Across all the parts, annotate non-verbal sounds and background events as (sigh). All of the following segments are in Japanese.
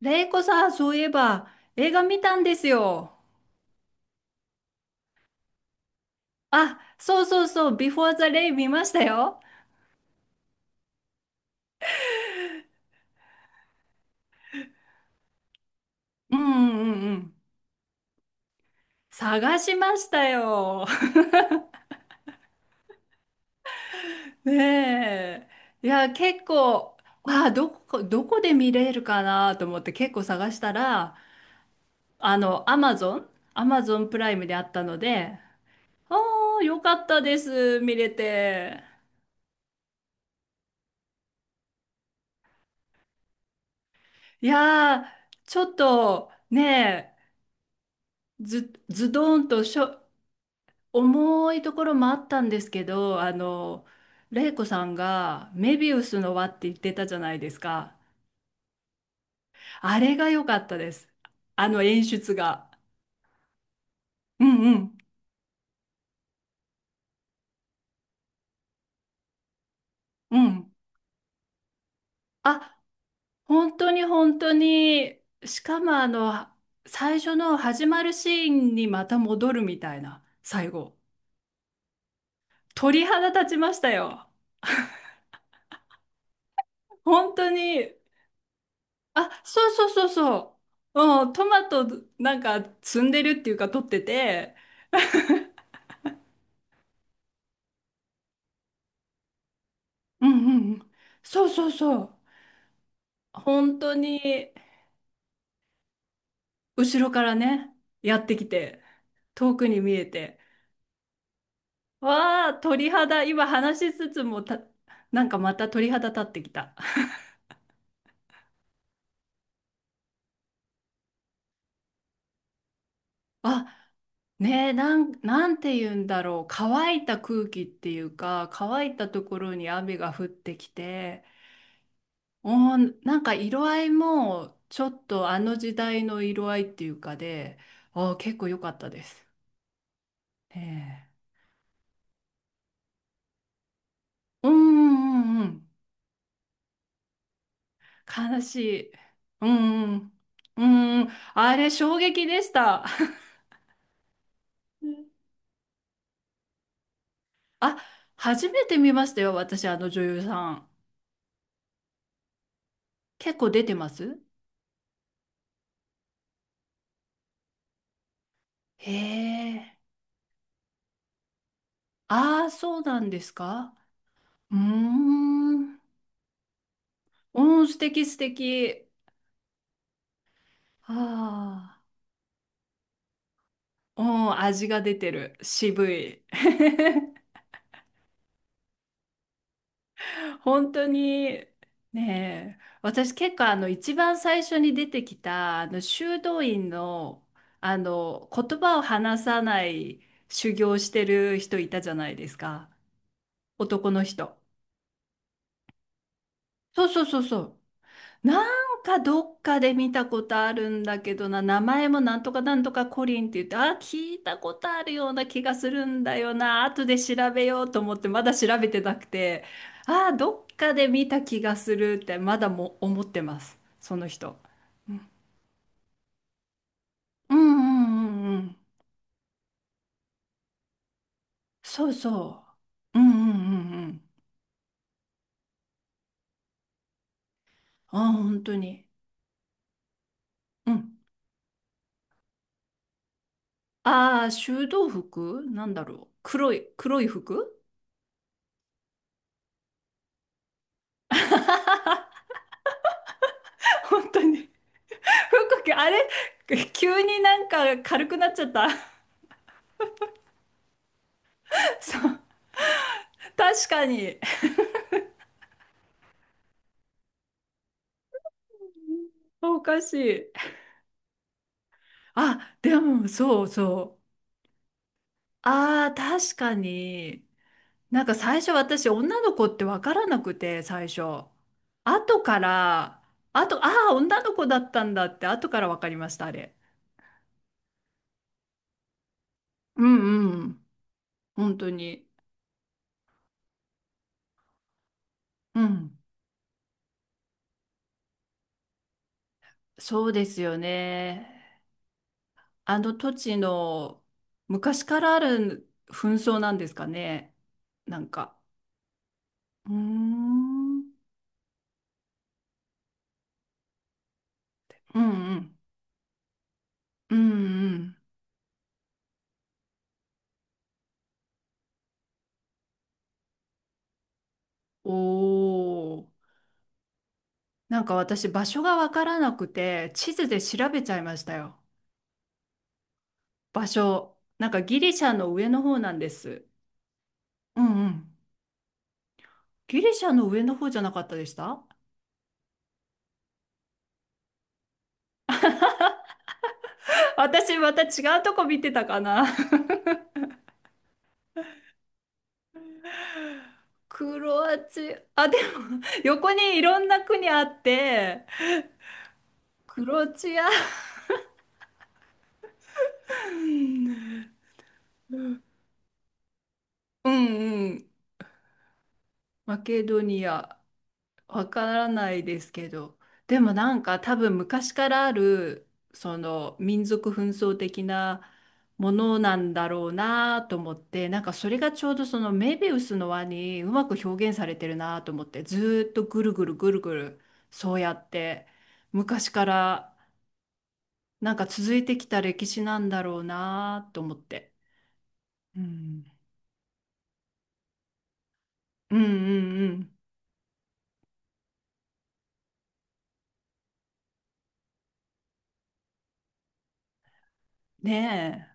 レイコさん、そういえば、映画見たんですよ。あ、そうそうそう、ビフォーザレイ見ましたよ。うんうんうんうん。探しましたよ。(laughs) ねえ。いや、結構、あ、どこで見れるかなと思って結構探したら、あの、アマゾン、アマゾンプライムであったので、ああ、よかったです、見れて。いやー、ちょっと、ね、ず、ズドンとしょ、重いところもあったんですけど、玲子さんがメビウスの輪って言ってたじゃないですか。あれが良かったです。あの演出が。うんうん。うん。あ、本当に本当に、しかも最初の始まるシーンにまた戻るみたいな、最後。鳥肌立ちましたよ。本当に。あ、そうそうそうそう。うん、トマトなんか摘んでるっていうか取ってて、うんうんうん。そうそうそう。本当に後ろからね、やってきて、遠くに見えて、わあ、鳥肌、今話しつつも、なんかまた鳥肌立ってきた。(laughs) あ、ねえ、なんて言うんだろう。乾いた空気っていうか、乾いたところに雨が降ってきて、おー、なんか色合いも、ちょっとあの時代の色合いっていうかで、あー、結構良かったです。ねえ。うんうんうんうん。悲しい。うんうん。うんうん。あれ、衝撃でした。(laughs) あ、初めて見ましたよ、私、あの女優さん。結構出てます。へえ。ああ、そうなんですか。うーん。うん、素敵素敵。ああ。うん、味が出てる。渋い。(laughs) 本当に。ねえ、私結構、あの一番最初に出てきたあの修道院のあの言葉を話さない、修行してる人いたじゃないですか。男の人。そうそうそうそう。なんかどっかで見たことあるんだけどな、名前もなんとかなんとかコリンって言って、あ、聞いたことあるような気がするんだよな、後で調べようと思って、まだ調べてなくて、あ、どっかで見た気がするって、まだも思ってます、その人。うんうんうんうんうん。そうそう。うんうんうんうん。あ、本当に。うん。ああ、修道服なんだろう。黒い、黒い服。 (laughs) 本当に。ふっ、あれ。 (laughs) 急になんか軽くなっちゃった。(laughs) そう。確かに。おかしい。あ、でも、そうそう。ああ、確かに。なんか最初私、女の子ってわからなくて、最初。後から、あと、ああ、女の子だったんだって、後からわかりました、あれ。うんうん。本当に。うん。そうですよね。あの土地の昔からある紛争なんですかね。なんか。うーん。うんうん。うんうん。おお。なんか私場所がわからなくて地図で調べちゃいましたよ。場所。なんかギリシャの上の方なんです。うんうん。ギリシャの上の方じゃなかったでした？ (laughs) 私また違うとこ見てたかな。クロアチア、あ、でも (laughs) 横にいろんな国あって、クロアチア。うんうん。マケドニア、わからないですけど、でもなんか多分昔からある、その民族紛争的なものなんだろうなと思って、なんかそれがちょうどそのメビウスの輪にうまく表現されてるなと思って、ずーっとぐるぐるぐるぐる、そうやって昔からなんか続いてきた歴史なんだろうなと思って。うん。うんうんうん。ね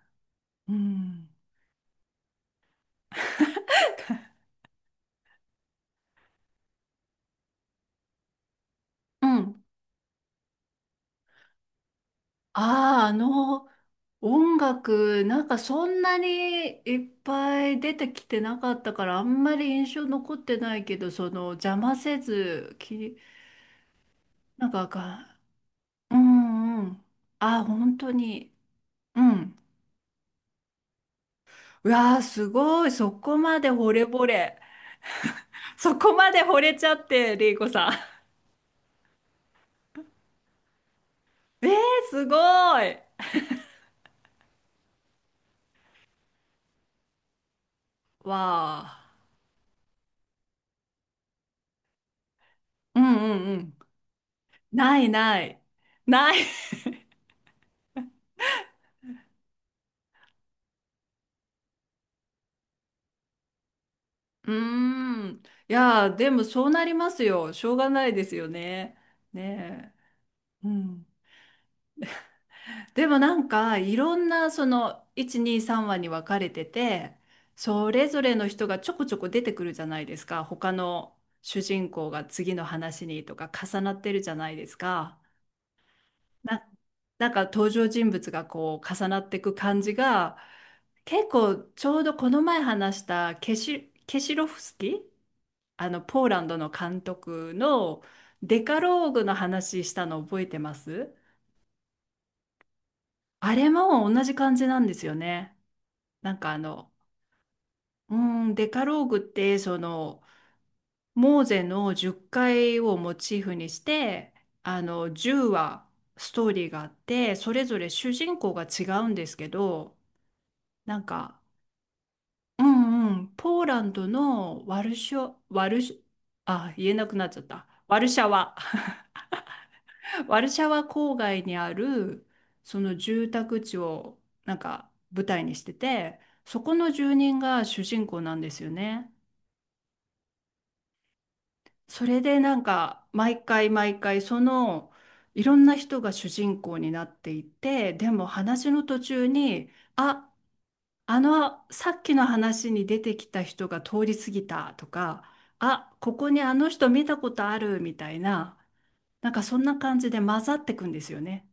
え。うん。うん。ああ、あの、音楽、なんかそんなにいっぱい出てきてなかったから、あんまり印象残ってないけど、邪魔せず、なんかが、うんうん。ああ、本当に。うん。うわあ、すごい。そこまで惚れ惚れ。そこまで惚れちゃって、リーコさん。(laughs) えー、すごい。わあ。うんうんうん。ないない。ない。うーん。いやー、でもそうなりますよ。しょうがないですよね。ねえ。うん。でもなんか、いろんなその、1、2、3話に分かれてて、それぞれの人がちょこちょこ出てくるじゃないですか。他の主人公が次の話にとか重なってるじゃないですか。な、なんか登場人物がこう重なっていく感じが、結構ちょうどこの前話したケシロフスキー、あのポーランドの監督のデカローグの話したの覚えてます？あれも同じ感じなんですよね。なんかうーデカローグって、そのモーゼの10回をモチーフにして、あの10話ストーリーがあって、それぞれ主人公が違うんですけど、なんか、うんうん、ポーランドのワルショワルシあ、言えなくなっちゃった。ワルシャワ。ワルシャワ郊外にあるその住宅地をなんか舞台にしてて、そこの住人が主人公なんですよね。それでなんか毎回毎回、その、いろんな人が主人公になっていて、でも話の途中に「あ、あのさっきの話に出てきた人が通り過ぎた」とか「あ、ここにあの人見たことある」みたいな、なんかそんな感じで混ざってくんですよね。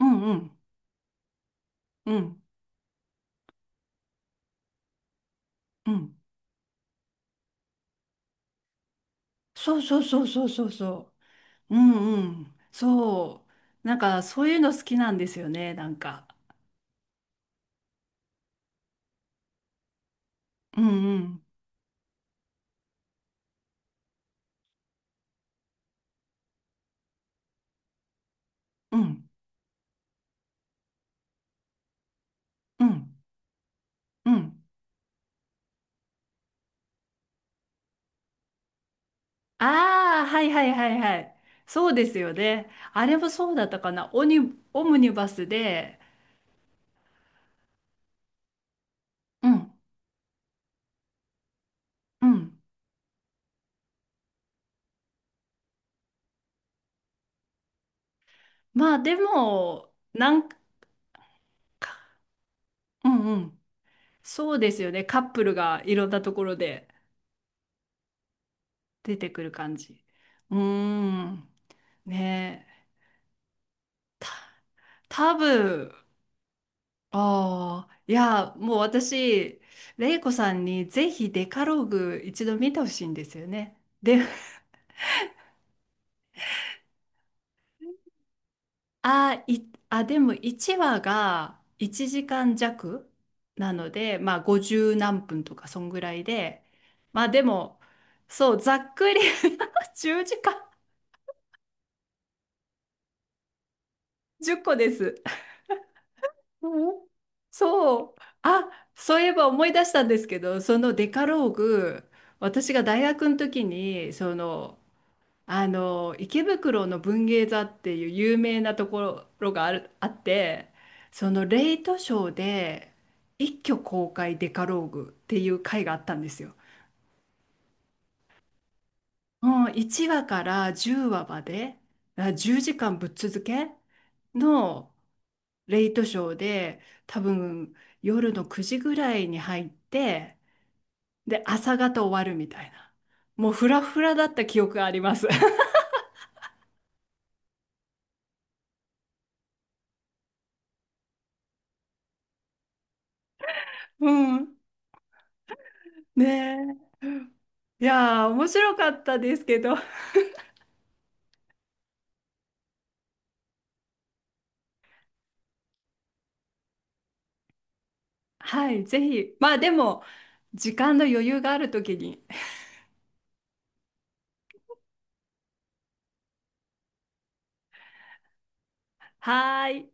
うんうんうんうん。そうそうそうそうそうそう。うんうん。そう。なんか、そういうの好きなんですよね、なんか。うんうんうんうんうん。ああー。はいはいはいはい。そうですよね。あれもそうだったかな。オムニバスで。うんうん。まあでも、なんか、うんうん。そうですよね。カップルがいろんなところで出てくる感じ。うーん。ねえ。た、多分、ああ、いや、もう私、レイコさんにぜひデカローグ一度見てほしいんですよね。で、あ、い、でも1話が1時間弱なので、まあ50何分とかそんぐらいで、まあでも、そう、ざっくり (laughs) 10時間、10個です。うん、そう。あ、そういえば思い出したんですけど、そのデカローグ、私が大学の時に、その、あの池袋の文芸座っていう有名なところがあって、そのレイトショーで一挙公開デカローグっていう回があったんですよ。もう1話から10話まで、あ、10時間ぶっ続けのレイトショーで、多分夜の9時ぐらいに入って、で朝方終わるみたいな、もうフラフラだった記憶があります。(laughs) うん。ねえ。いやー、面白かったですけど。(laughs) はい、ぜひ。まあでも、時間の余裕があるときに。はーい。